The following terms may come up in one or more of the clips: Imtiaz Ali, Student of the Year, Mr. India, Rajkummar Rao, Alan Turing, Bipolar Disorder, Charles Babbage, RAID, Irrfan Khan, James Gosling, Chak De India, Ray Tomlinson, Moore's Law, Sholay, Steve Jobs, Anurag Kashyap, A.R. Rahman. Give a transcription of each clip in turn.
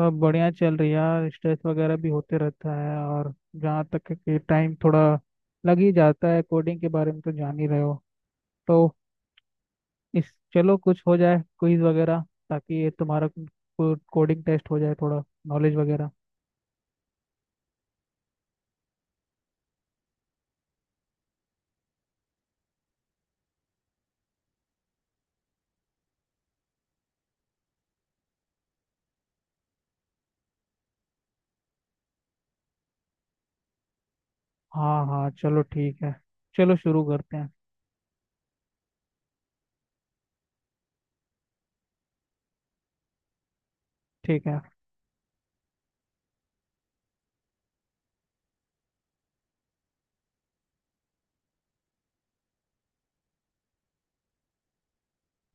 सब बढ़िया चल रही है यार, स्ट्रेस वगैरह भी होते रहता है। और जहाँ तक है कि टाइम थोड़ा लग ही जाता है। कोडिंग के बारे में तो जान ही रहे हो। तो इस चलो कुछ हो जाए क्विज वगैरह, ताकि ये तुम्हारा कोडिंग टेस्ट हो जाए, थोड़ा नॉलेज वगैरह। हाँ हाँ, चलो ठीक है। चलो शुरू करते हैं। ठीक है।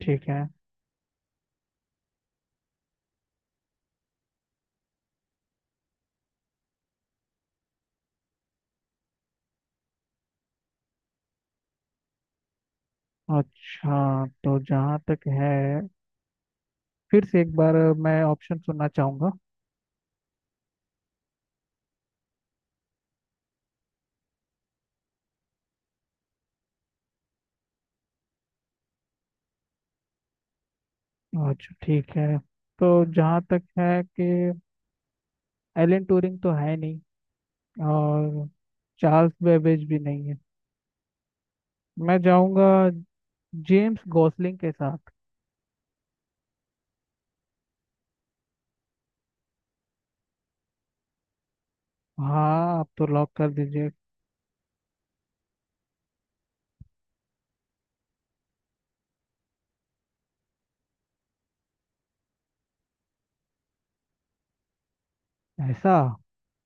ठीक है। अच्छा, तो जहाँ तक है, फिर से एक बार मैं ऑप्शन सुनना चाहूँगा। अच्छा ठीक है। तो जहाँ तक है कि एलन ट्यूरिंग तो है नहीं, और चार्ल्स बेबेज भी नहीं है। मैं जाऊंगा जेम्स गॉसलिंग के साथ। हाँ, आप तो लॉक कर दीजिए। ऐसा?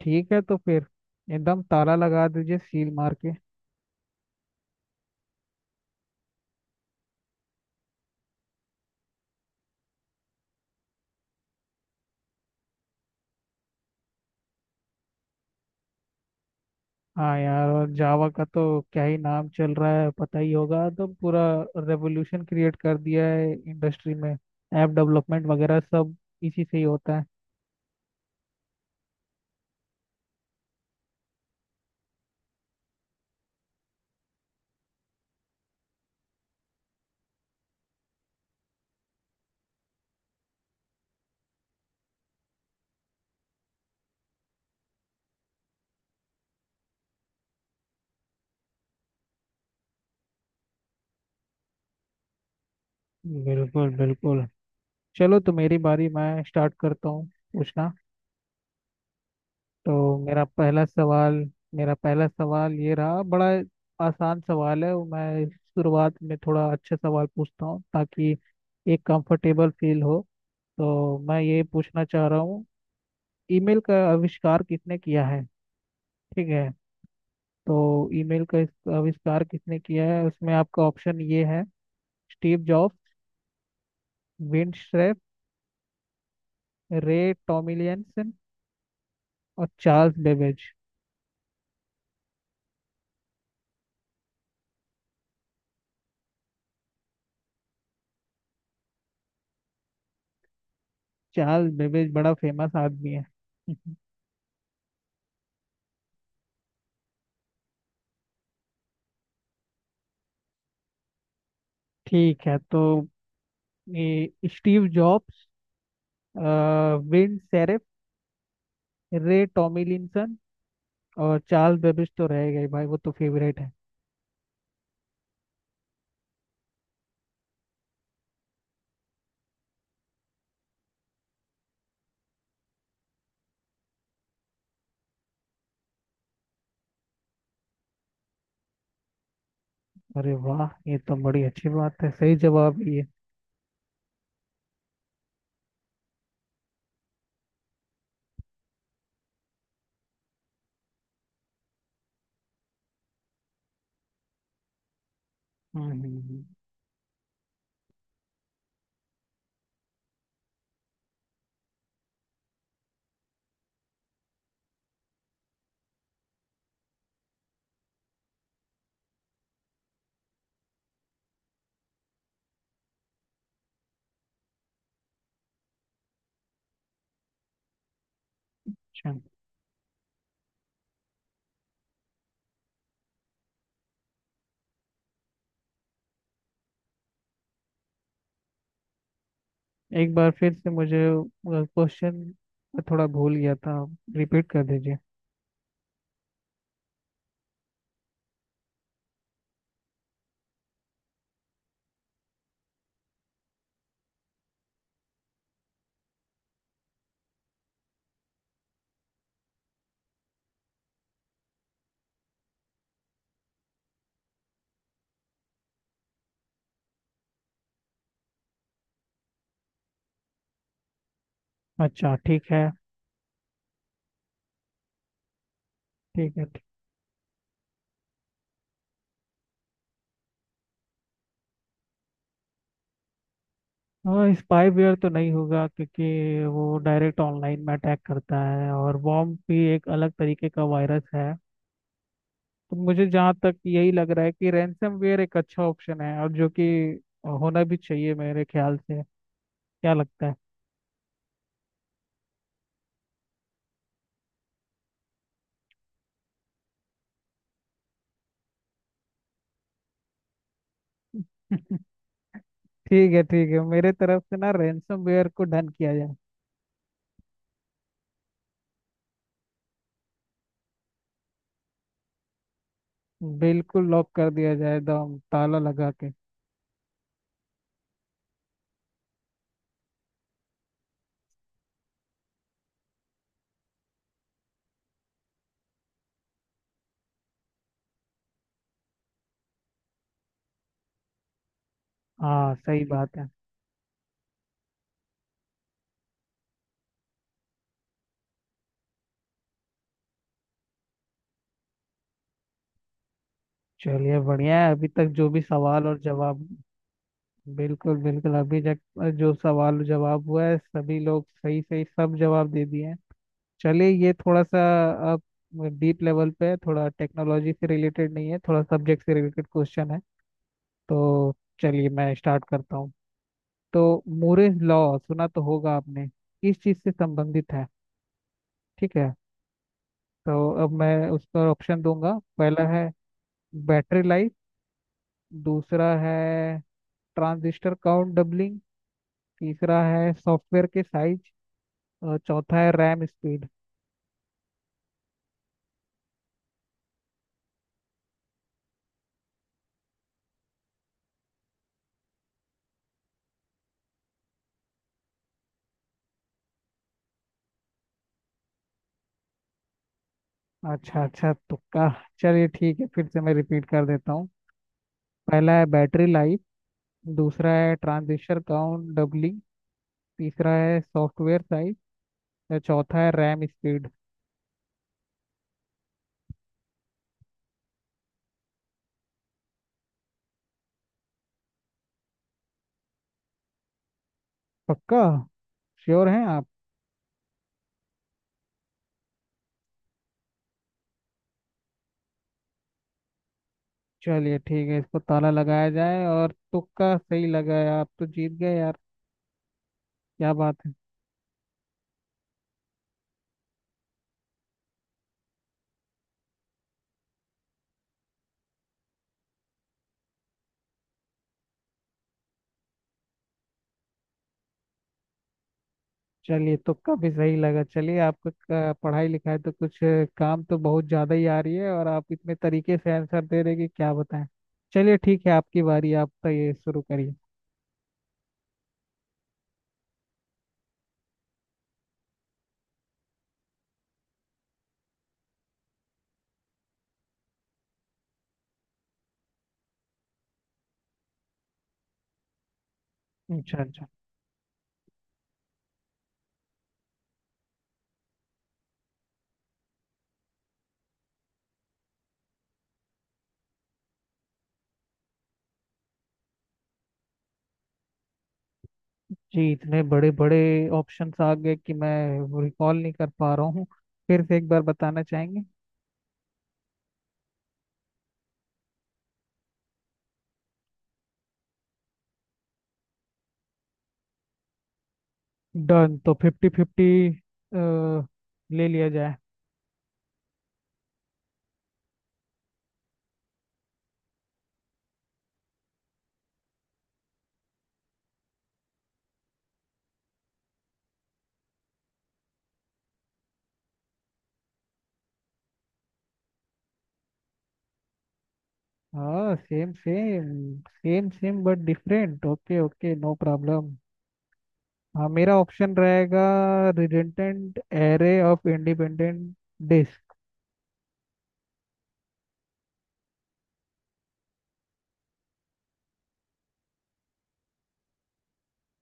ठीक है, तो फिर एकदम ताला लगा दीजिए सील मार के। हाँ यार, और जावा का तो क्या ही नाम चल रहा है, पता ही होगा। तो पूरा रेवोल्यूशन क्रिएट कर दिया है इंडस्ट्री में। ऐप डेवलपमेंट वगैरह सब इसी से ही होता है। बिल्कुल बिल्कुल। चलो तो मेरी बारी, मैं स्टार्ट करता हूँ पूछना। तो मेरा पहला सवाल, मेरा पहला सवाल ये रहा। बड़ा आसान सवाल है। वो मैं शुरुआत में थोड़ा अच्छे सवाल पूछता हूँ, ताकि एक कंफर्टेबल फील हो। तो मैं ये पूछना चाह रहा हूँ, ईमेल का आविष्कार किसने किया है? ठीक है। तो ईमेल का आविष्कार किसने किया है, उसमें आपका ऑप्शन ये है। Steve Jobs, Vint Cerf, Ray Tomlinson, और चार्ल्स बेबेज। चार्ल्स बेबेज बड़ा फेमस आदमी है। ठीक है। तो ये स्टीव जॉब्स, अ, विन सेरेफ, रे टॉमिलिंसन, और चार्ल्स बेबेज तो रह गए भाई, वो तो फेवरेट है। अरे वाह, ये तो बड़ी अच्छी बात है। सही जवाब ये। हम्म हम्म, हम्म, अच्छा। एक बार फिर से मुझे क्वेश्चन थोड़ा भूल गया था, रिपीट कर दीजिए। अच्छा ठीक है। ठीक है, ठीक। हाँ, स्पाईवेयर तो नहीं होगा, क्योंकि वो डायरेक्ट ऑनलाइन में अटैक करता है। और वॉर्म भी एक अलग तरीके का वायरस है। तो मुझे जहाँ तक यही लग रहा है कि रैंसमवेयर एक अच्छा ऑप्शन है, और जो कि होना भी चाहिए मेरे ख्याल से। क्या लगता है? ठीक है ठीक है, मेरे तरफ से ना रैंसमवेयर को डन किया जाए। बिल्कुल, लॉक कर दिया जाए एकदम ताला लगा के। हाँ सही बात है। चलिए बढ़िया है अभी तक जो भी सवाल और जवाब। बिल्कुल बिल्कुल, अभी तक जो सवाल और जवाब हुआ है सभी लोग सही सही सब जवाब दे दिए हैं। चलिए, ये थोड़ा सा अब डीप लेवल पे है। थोड़ा टेक्नोलॉजी से रिलेटेड नहीं है, थोड़ा सब्जेक्ट से रिलेटेड क्वेश्चन है। तो चलिए मैं स्टार्ट करता हूँ। तो मूरेज लॉ सुना तो होगा आपने, किस चीज़ से संबंधित है? ठीक है। तो अब मैं उसका ऑप्शन दूंगा। पहला है बैटरी लाइफ, दूसरा है ट्रांजिस्टर काउंट डबलिंग, तीसरा है सॉफ्टवेयर के साइज, और चौथा है रैम स्पीड। अच्छा अच्छा, तुक्का। चलिए ठीक है, फिर से मैं रिपीट कर देता हूँ। पहला है बैटरी लाइफ, दूसरा है ट्रांजिस्टर काउंट डबलिंग, तीसरा है सॉफ्टवेयर साइज, और चौथा है रैम स्पीड। पक्का? श्योर हैं आप? चलिए ठीक है, इसको ताला लगाया जाए। और तुक्का सही लगा है, आप तो जीत गए यार। क्या बात है। चलिए तुक्का भी सही लगा। चलिए आपका पढ़ाई लिखाई तो कुछ काम तो बहुत ज़्यादा ही आ रही है, और आप इतने तरीके से आंसर दे रहे हैं कि क्या बताएं। चलिए ठीक है, आपकी बारी, आप तो ये शुरू करिए। अच्छा अच्छा। जी, इतने बड़े बड़े ऑप्शंस आ गए कि मैं रिकॉल नहीं कर पा रहा हूँ। फिर से एक बार बताना चाहेंगे? डन, तो फिफ्टी फिफ्टी ले लिया जाए। हाँ same same same same but different. Okay okay, no problem. हाँ, मेरा ऑप्शन रहेगा redundant array of independent disk.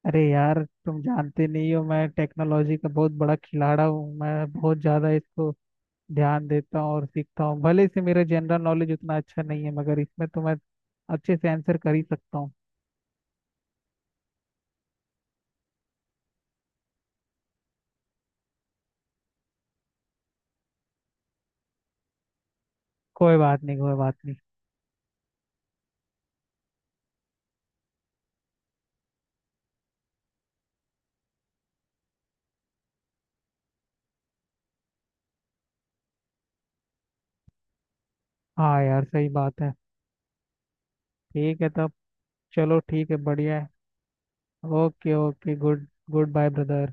अरे यार, तुम जानते नहीं हो, मैं टेक्नोलॉजी का बहुत बड़ा खिलाड़ा हूँ। मैं बहुत ज़्यादा इसको ध्यान देता हूँ और सीखता हूँ। भले से मेरा जनरल नॉलेज उतना अच्छा नहीं है, मगर इसमें तो मैं अच्छे से आंसर कर ही सकता हूँ। कोई बात नहीं कोई बात नहीं। हाँ यार सही बात है। ठीक है तब। चलो ठीक है, बढ़िया है। Okay okay, good, good bye brother.